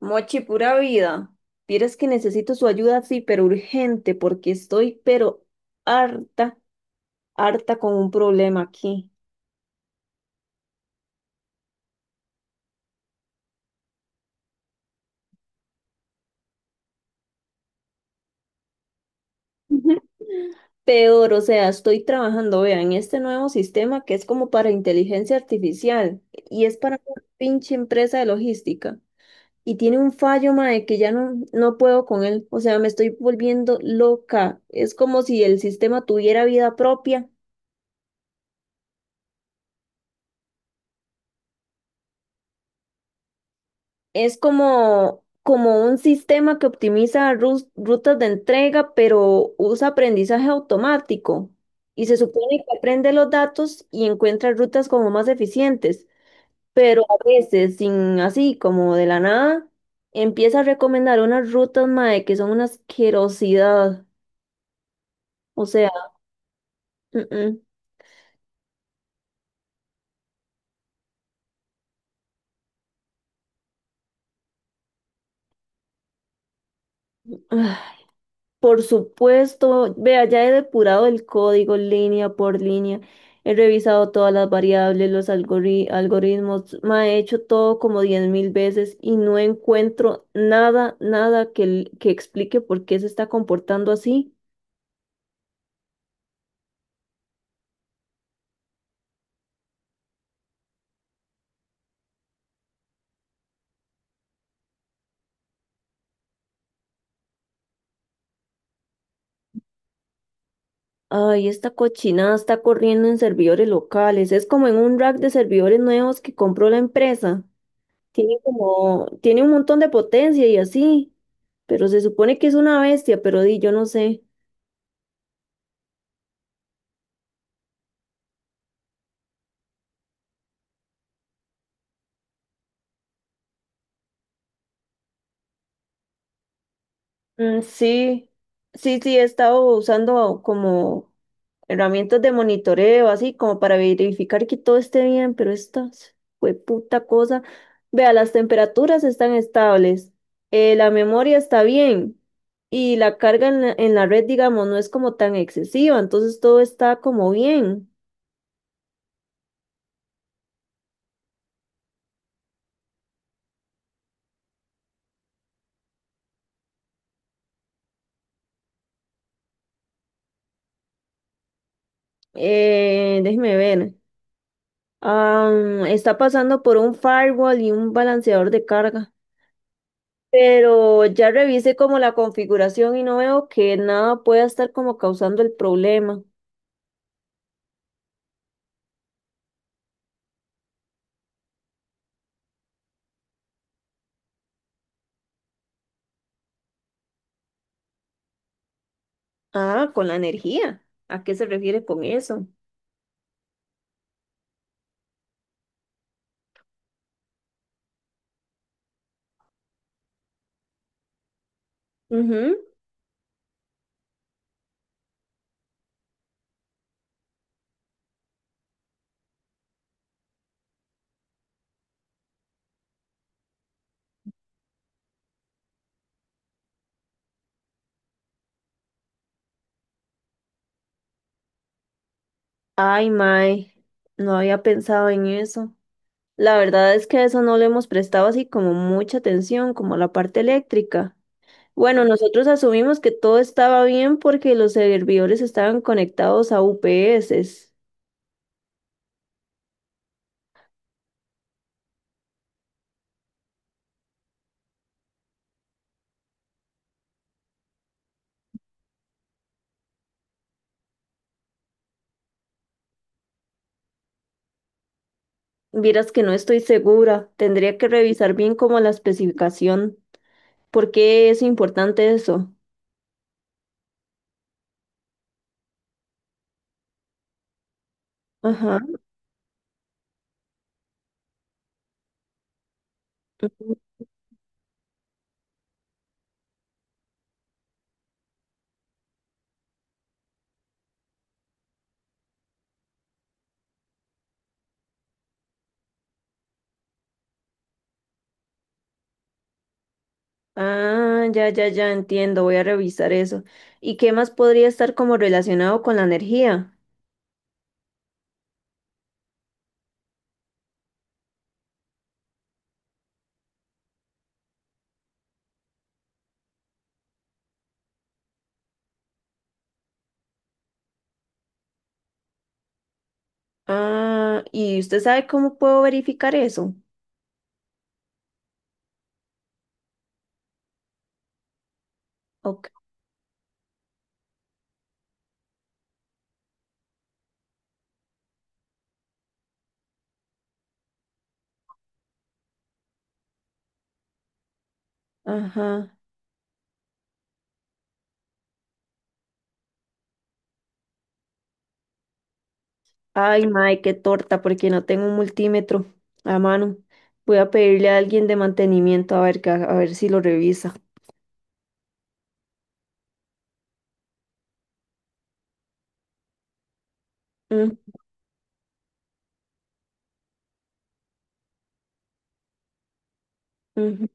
Mochi, pura vida. Vieras que necesito su ayuda, sí, pero urgente, porque estoy, pero harta, harta con un problema aquí. Peor, o sea, estoy trabajando, vean, en este nuevo sistema que es como para inteligencia artificial y es para una pinche empresa de logística. Y tiene un fallo, mae, que ya no puedo con él. O sea, me estoy volviendo loca. Es como si el sistema tuviera vida propia. Es como un sistema que optimiza rutas de entrega, pero usa aprendizaje automático. Y se supone que aprende los datos y encuentra rutas como más eficientes. Pero a veces, sin así, como de la nada, empieza a recomendar unas rutas, mae, que son una asquerosidad. O sea. mm, mm. Por supuesto, vea, ya he depurado el código línea por línea, he revisado todas las variables, los algoritmos, ma, he hecho todo como 10.000 veces y no encuentro nada, nada que explique por qué se está comportando así. Ay, esta cochinada está corriendo en servidores locales, es como en un rack de servidores nuevos que compró la empresa. Tiene un montón de potencia y así, pero se supone que es una bestia, pero di, yo no sé. Mm, sí, sí, he estado usando como herramientas de monitoreo, así como para verificar que todo esté bien, pero esta puta cosa. Vea, las temperaturas están estables, la memoria está bien y la carga en la red, digamos, no es como tan excesiva, entonces todo está como bien. Déjeme ver. Está pasando por un firewall y un balanceador de carga. Pero ya revisé como la configuración y no veo que nada pueda estar como causando el problema. Ah, con la energía. ¿A qué se refiere con eso? Ujú. Ay, mae, no había pensado en eso. La verdad es que a eso no le hemos prestado así como mucha atención, como a la parte eléctrica. Bueno, nosotros asumimos que todo estaba bien porque los servidores estaban conectados a UPS. Vieras que no estoy segura, tendría que revisar bien como la especificación. ¿Por qué es importante eso? Ajá. Ah, ya, ya, ya entiendo, voy a revisar eso. ¿Y qué más podría estar como relacionado con la energía? Ah, ¿y usted sabe cómo puedo verificar eso? Ok. Ajá. Ay, mae, qué torta, porque no tengo un multímetro a mano. Voy a pedirle a alguien de mantenimiento a ver, a ver si lo revisa. Mm, ujú.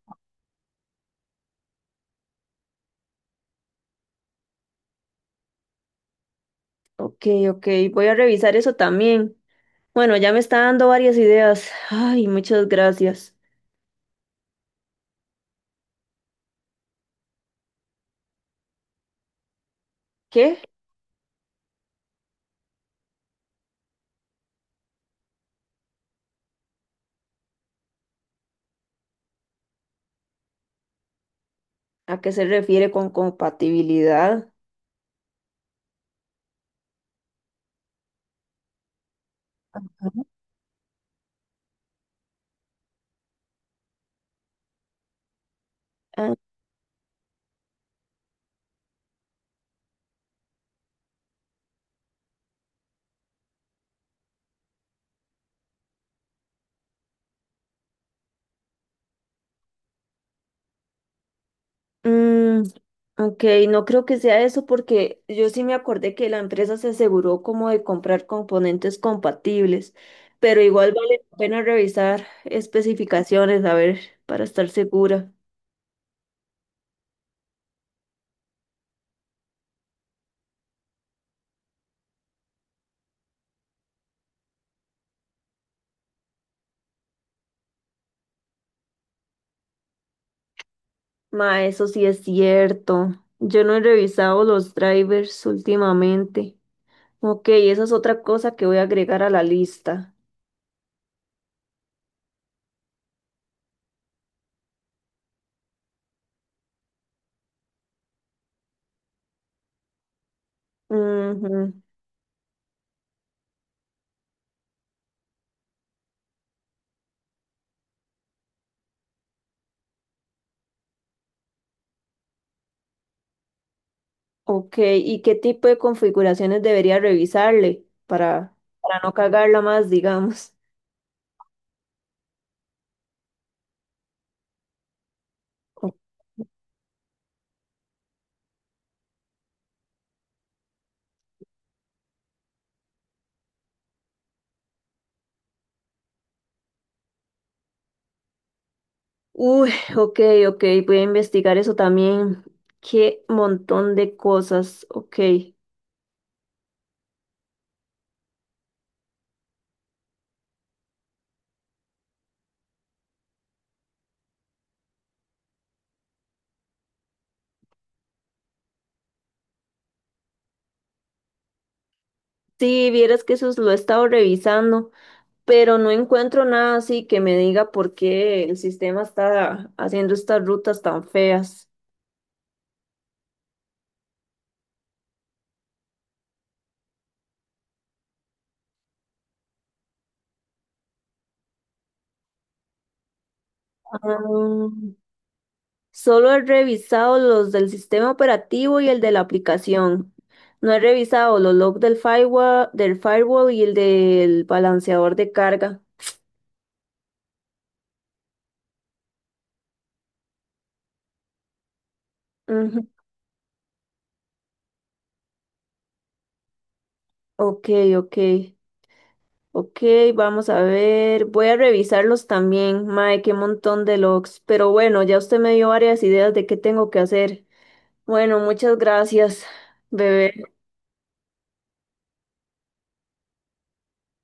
Ok, ok, voy a revisar eso también. Bueno, ya me está dando varias ideas. Ay, muchas gracias. ¿Qué? ¿A qué se refiere con compatibilidad? Ajá. Ah, mm, ok, no creo que sea eso porque yo sí me acordé que la empresa se aseguró como de comprar componentes compatibles, pero igual vale la pena revisar especificaciones, a ver, para estar segura. Ma, eso sí es cierto. Yo no he revisado los drivers últimamente. Ok, esa es otra cosa que voy a agregar a la lista. Ok, ¿y qué tipo de configuraciones debería revisarle para no cagarla más, digamos? O- Uy, ok, ok, voy a investigar eso también. Qué montón de cosas, ok. Sí, vieras que eso lo he estado revisando, pero no encuentro nada así que me diga por qué el sistema está haciendo estas rutas tan feas. Ah, solo he revisado los del sistema operativo y el de la aplicación. No he revisado los logs del firewall y el del balanceador de carga. Ujú. Ok, ok, ok, vamos a ver. Voy a revisarlos también. Mae, qué montón de logs. Pero bueno, ya usted me dio varias ideas de qué tengo que hacer. Bueno, muchas gracias, bebé.